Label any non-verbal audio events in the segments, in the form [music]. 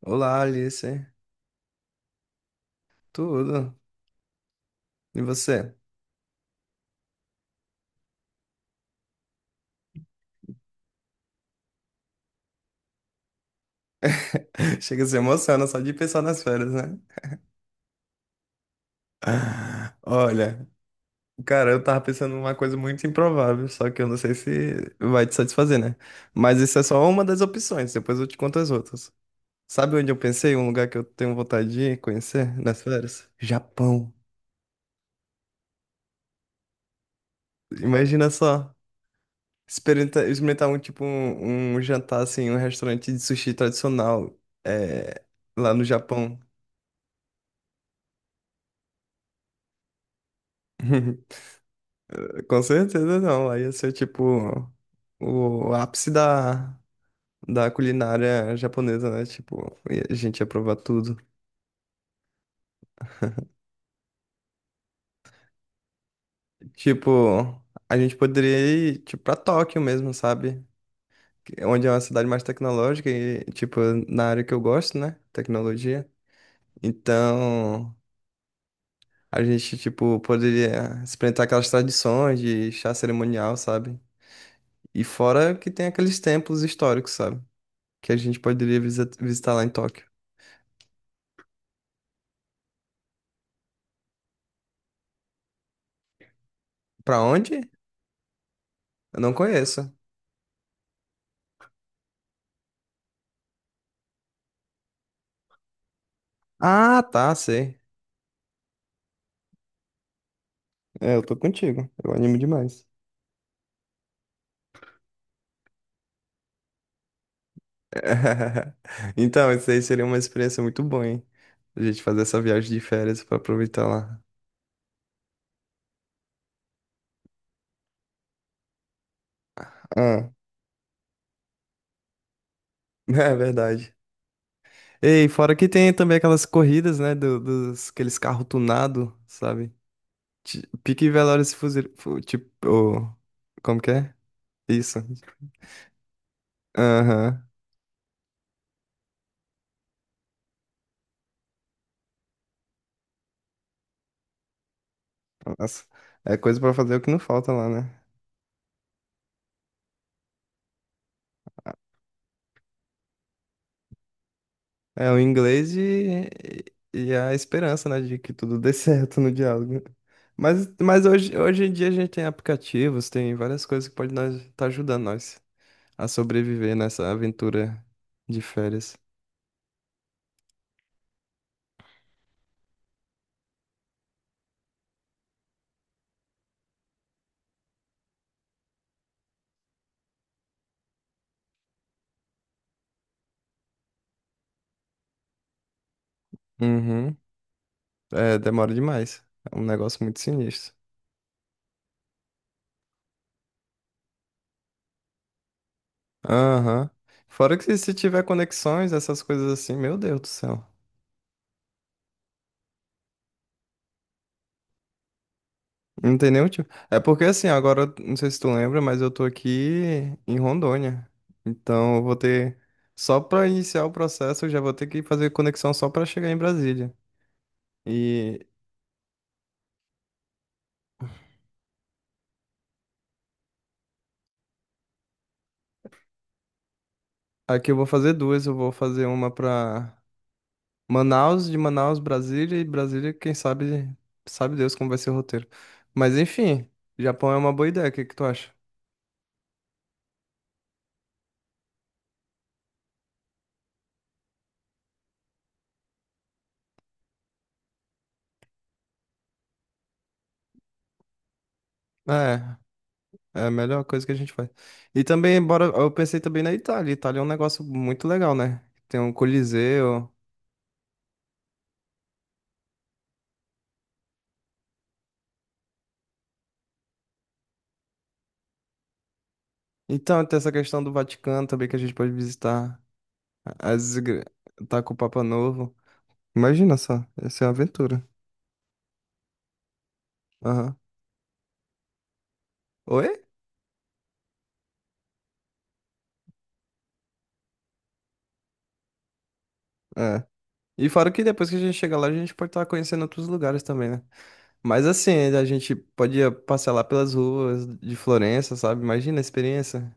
Olá, Alice. Tudo? E você? [laughs] Chega a se emociona só de pensar nas férias, né? [laughs] Olha, cara, eu tava pensando numa coisa muito improvável, só que eu não sei se vai te satisfazer, né? Mas isso é só uma das opções, depois eu te conto as outras. Sabe onde eu pensei? Um lugar que eu tenho vontade de ir conhecer nas férias? Japão. Imagina só. Experimentar, um jantar assim, um restaurante de sushi tradicional é, lá no Japão. [laughs] Com certeza não. Aí ia ser tipo o ápice da culinária japonesa, né? Tipo, e a gente ia provar tudo. Tipo, a gente poderia ir tipo, pra Tóquio mesmo, sabe? Onde é uma cidade mais tecnológica e, tipo, na área que eu gosto, né? Tecnologia. Então, a gente, tipo, poderia experimentar aquelas tradições de chá cerimonial, sabe? E fora que tem aqueles templos históricos, sabe? Que a gente poderia visitar lá em Tóquio. Pra onde? Eu não conheço. Ah, tá, sei. É, eu tô contigo. Eu animo demais. [laughs] Então, isso aí seria uma experiência muito boa, hein? A gente fazer essa viagem de férias pra aproveitar lá. Ah, [laughs] é verdade. Ei, fora que tem também aquelas corridas, né? dos, aqueles carros tunados, sabe? Pique Velozes e Furiosos. Tipo, ô, como que é? Isso. Aham. Nossa. É coisa pra fazer o que não falta lá, né? É o inglês e a esperança, né, de que tudo dê [laughs] certo no diálogo. Mas hoje em dia a gente tem aplicativos, tem várias coisas que podem nós estar tá ajudando nós a sobreviver nessa aventura de férias. Uhum. É, demora demais. É um negócio muito sinistro. Aham. Fora que se tiver conexões, essas coisas assim, meu Deus do céu. Não tem nenhum tipo. É porque assim, agora, não sei se tu lembra, mas eu tô aqui em Rondônia. Então eu vou ter. Só pra iniciar o processo, eu já vou ter que fazer conexão só pra chegar em Brasília. E aqui eu vou fazer duas. Eu vou fazer uma pra Manaus, de Manaus, Brasília, e Brasília, quem sabe, sabe Deus como vai ser o roteiro. Mas enfim, Japão é uma boa ideia, o que que tu acha? É. É a melhor coisa que a gente faz. E também, bora, eu pensei também na Itália. Itália é um negócio muito legal, né? Tem um Coliseu. Então, tem essa questão do Vaticano também que a gente pode visitar. As igre... Tá com o Papa Novo. Imagina só, essa é uma aventura. Aham. Oi? É. E fora que depois que a gente chega lá, a gente pode estar conhecendo outros lugares também, né? Mas assim, a gente podia passear lá pelas ruas de Florença, sabe? Imagina a experiência.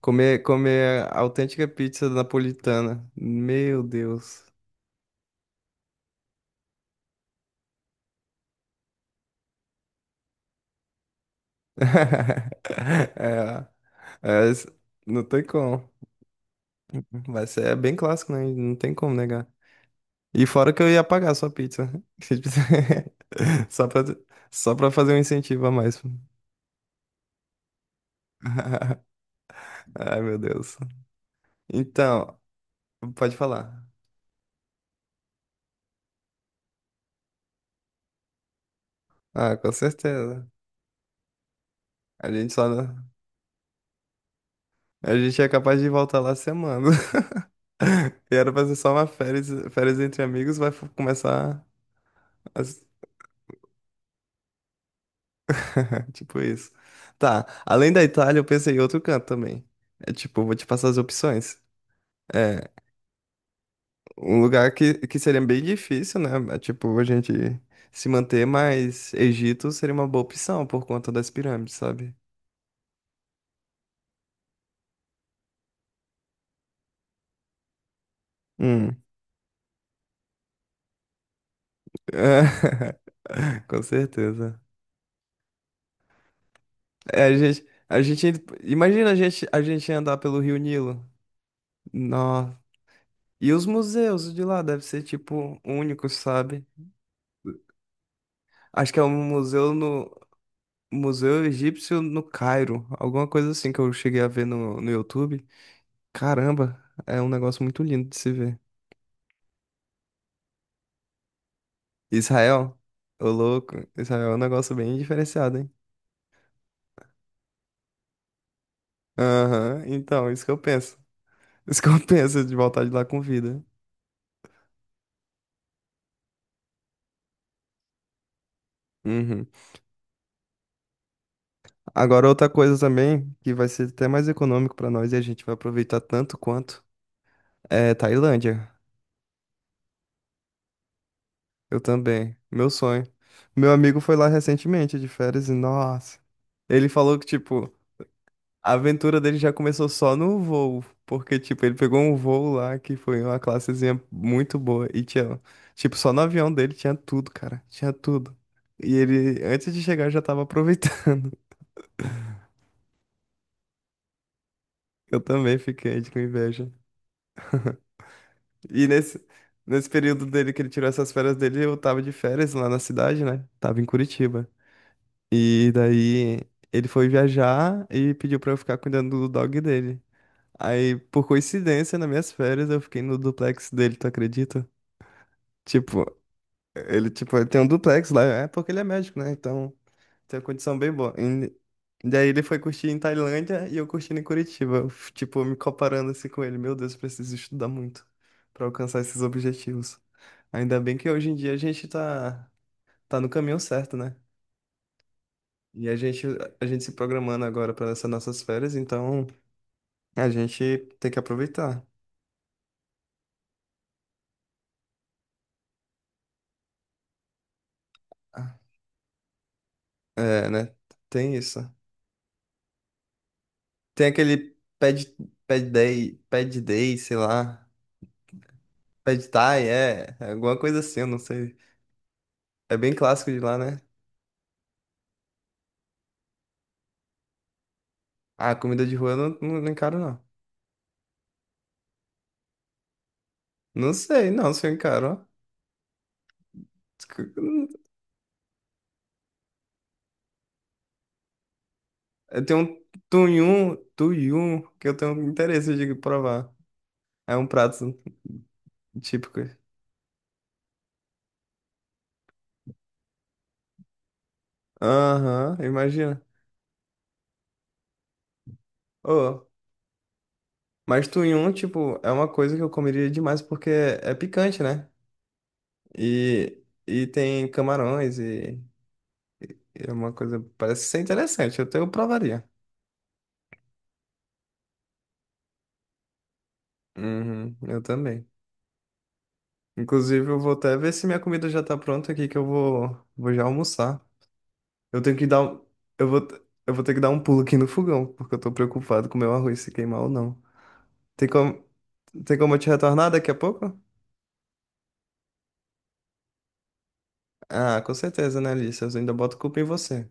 Comer, comer a autêntica pizza napolitana. Meu Deus. [laughs] É, é, s- não tem como. Vai ser é bem clássico, né? Não tem como negar. E fora que eu ia pagar a sua pizza. [laughs] Só pra, só pra fazer um incentivo a mais. [laughs] Ai, meu Deus. Então, pode falar. Ah, com certeza. A gente só. A gente é capaz de voltar lá semana. [laughs] E era pra ser só uma férias, férias entre amigos, começar. [laughs] Tipo isso. Tá, além da Itália, eu pensei em outro canto também. É tipo, vou te passar as opções. É, um lugar que seria bem difícil, né? É, tipo, a gente se manter, mas Egito seria uma boa opção por conta das pirâmides, sabe? Hum. [laughs] Com certeza. É, imagina a gente andar pelo Rio Nilo. Nossa. E os museus de lá devem ser, tipo, únicos, sabe? Acho que é um museu no, Museu Egípcio no Cairo, alguma coisa assim que eu cheguei a ver no YouTube. Caramba, é um negócio muito lindo de se ver. Israel, ô louco, Israel é um negócio bem diferenciado, hein? Aham, então, isso que eu penso. [laughs] Isso que eu [laughs] penso de voltar de lá com vida. Uhum. Agora, outra coisa também, que vai ser até mais econômico pra nós e a gente vai aproveitar tanto quanto, é Tailândia. Eu também, meu sonho. Meu amigo foi lá recentemente de férias e, nossa, ele falou que, tipo, a aventura dele já começou só no voo, porque, tipo, ele pegou um voo lá que foi uma classezinha muito boa e tinha, tipo, só no avião dele tinha tudo, cara, tinha tudo. E ele, antes de chegar, já tava aproveitando. [laughs] Eu também fiquei com inveja. E nesse período dele que ele tirou essas férias dele, eu tava de férias lá na cidade, né? Tava em Curitiba. E daí ele foi viajar e pediu pra eu ficar cuidando do dog dele. Aí, por coincidência, nas minhas férias, eu fiquei no duplex dele, tu acredita? Tipo, ele tem um duplex lá, é porque ele é médico, né? Então, tem uma condição bem boa. E daí ele foi curtir em Tailândia e eu curtindo em Curitiba. Eu, tipo, me comparando assim com ele. Meu Deus, eu preciso estudar muito pra alcançar esses objetivos. Ainda bem que hoje em dia tá no caminho certo, né? E a gente se programando agora para essas nossas férias, então a gente tem que aproveitar. É, né? Tem isso. Tem aquele pad day, sei lá. Pad Thai, é, é alguma coisa assim, eu não sei. É bem clássico de lá, né? Ah, comida de rua eu não encaro, não. Não sei, não, se eu encaro, ó. Eu tenho um tuyum, que eu tenho interesse de provar. É um prato típico. Aham, imagina. Oh, mas tunhum, tipo, é uma coisa que eu comeria demais porque é picante, né? E tem camarões e é uma coisa, parece ser interessante, eu provaria. Uhum, eu também. Inclusive, eu vou até ver se minha comida já tá pronta aqui, que vou já almoçar. Eu tenho que dar um, eu vou, eu vou ter que dar um pulo aqui no fogão, porque eu tô preocupado com o meu arroz se queimar ou não. Tem como, tem como eu te retornar daqui a pouco? Ah, com certeza, né, Alice? Eu ainda boto culpa em você.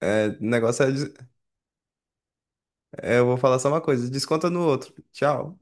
É, o negócio é, des- é, eu vou falar só uma coisa, desconta no outro. Tchau.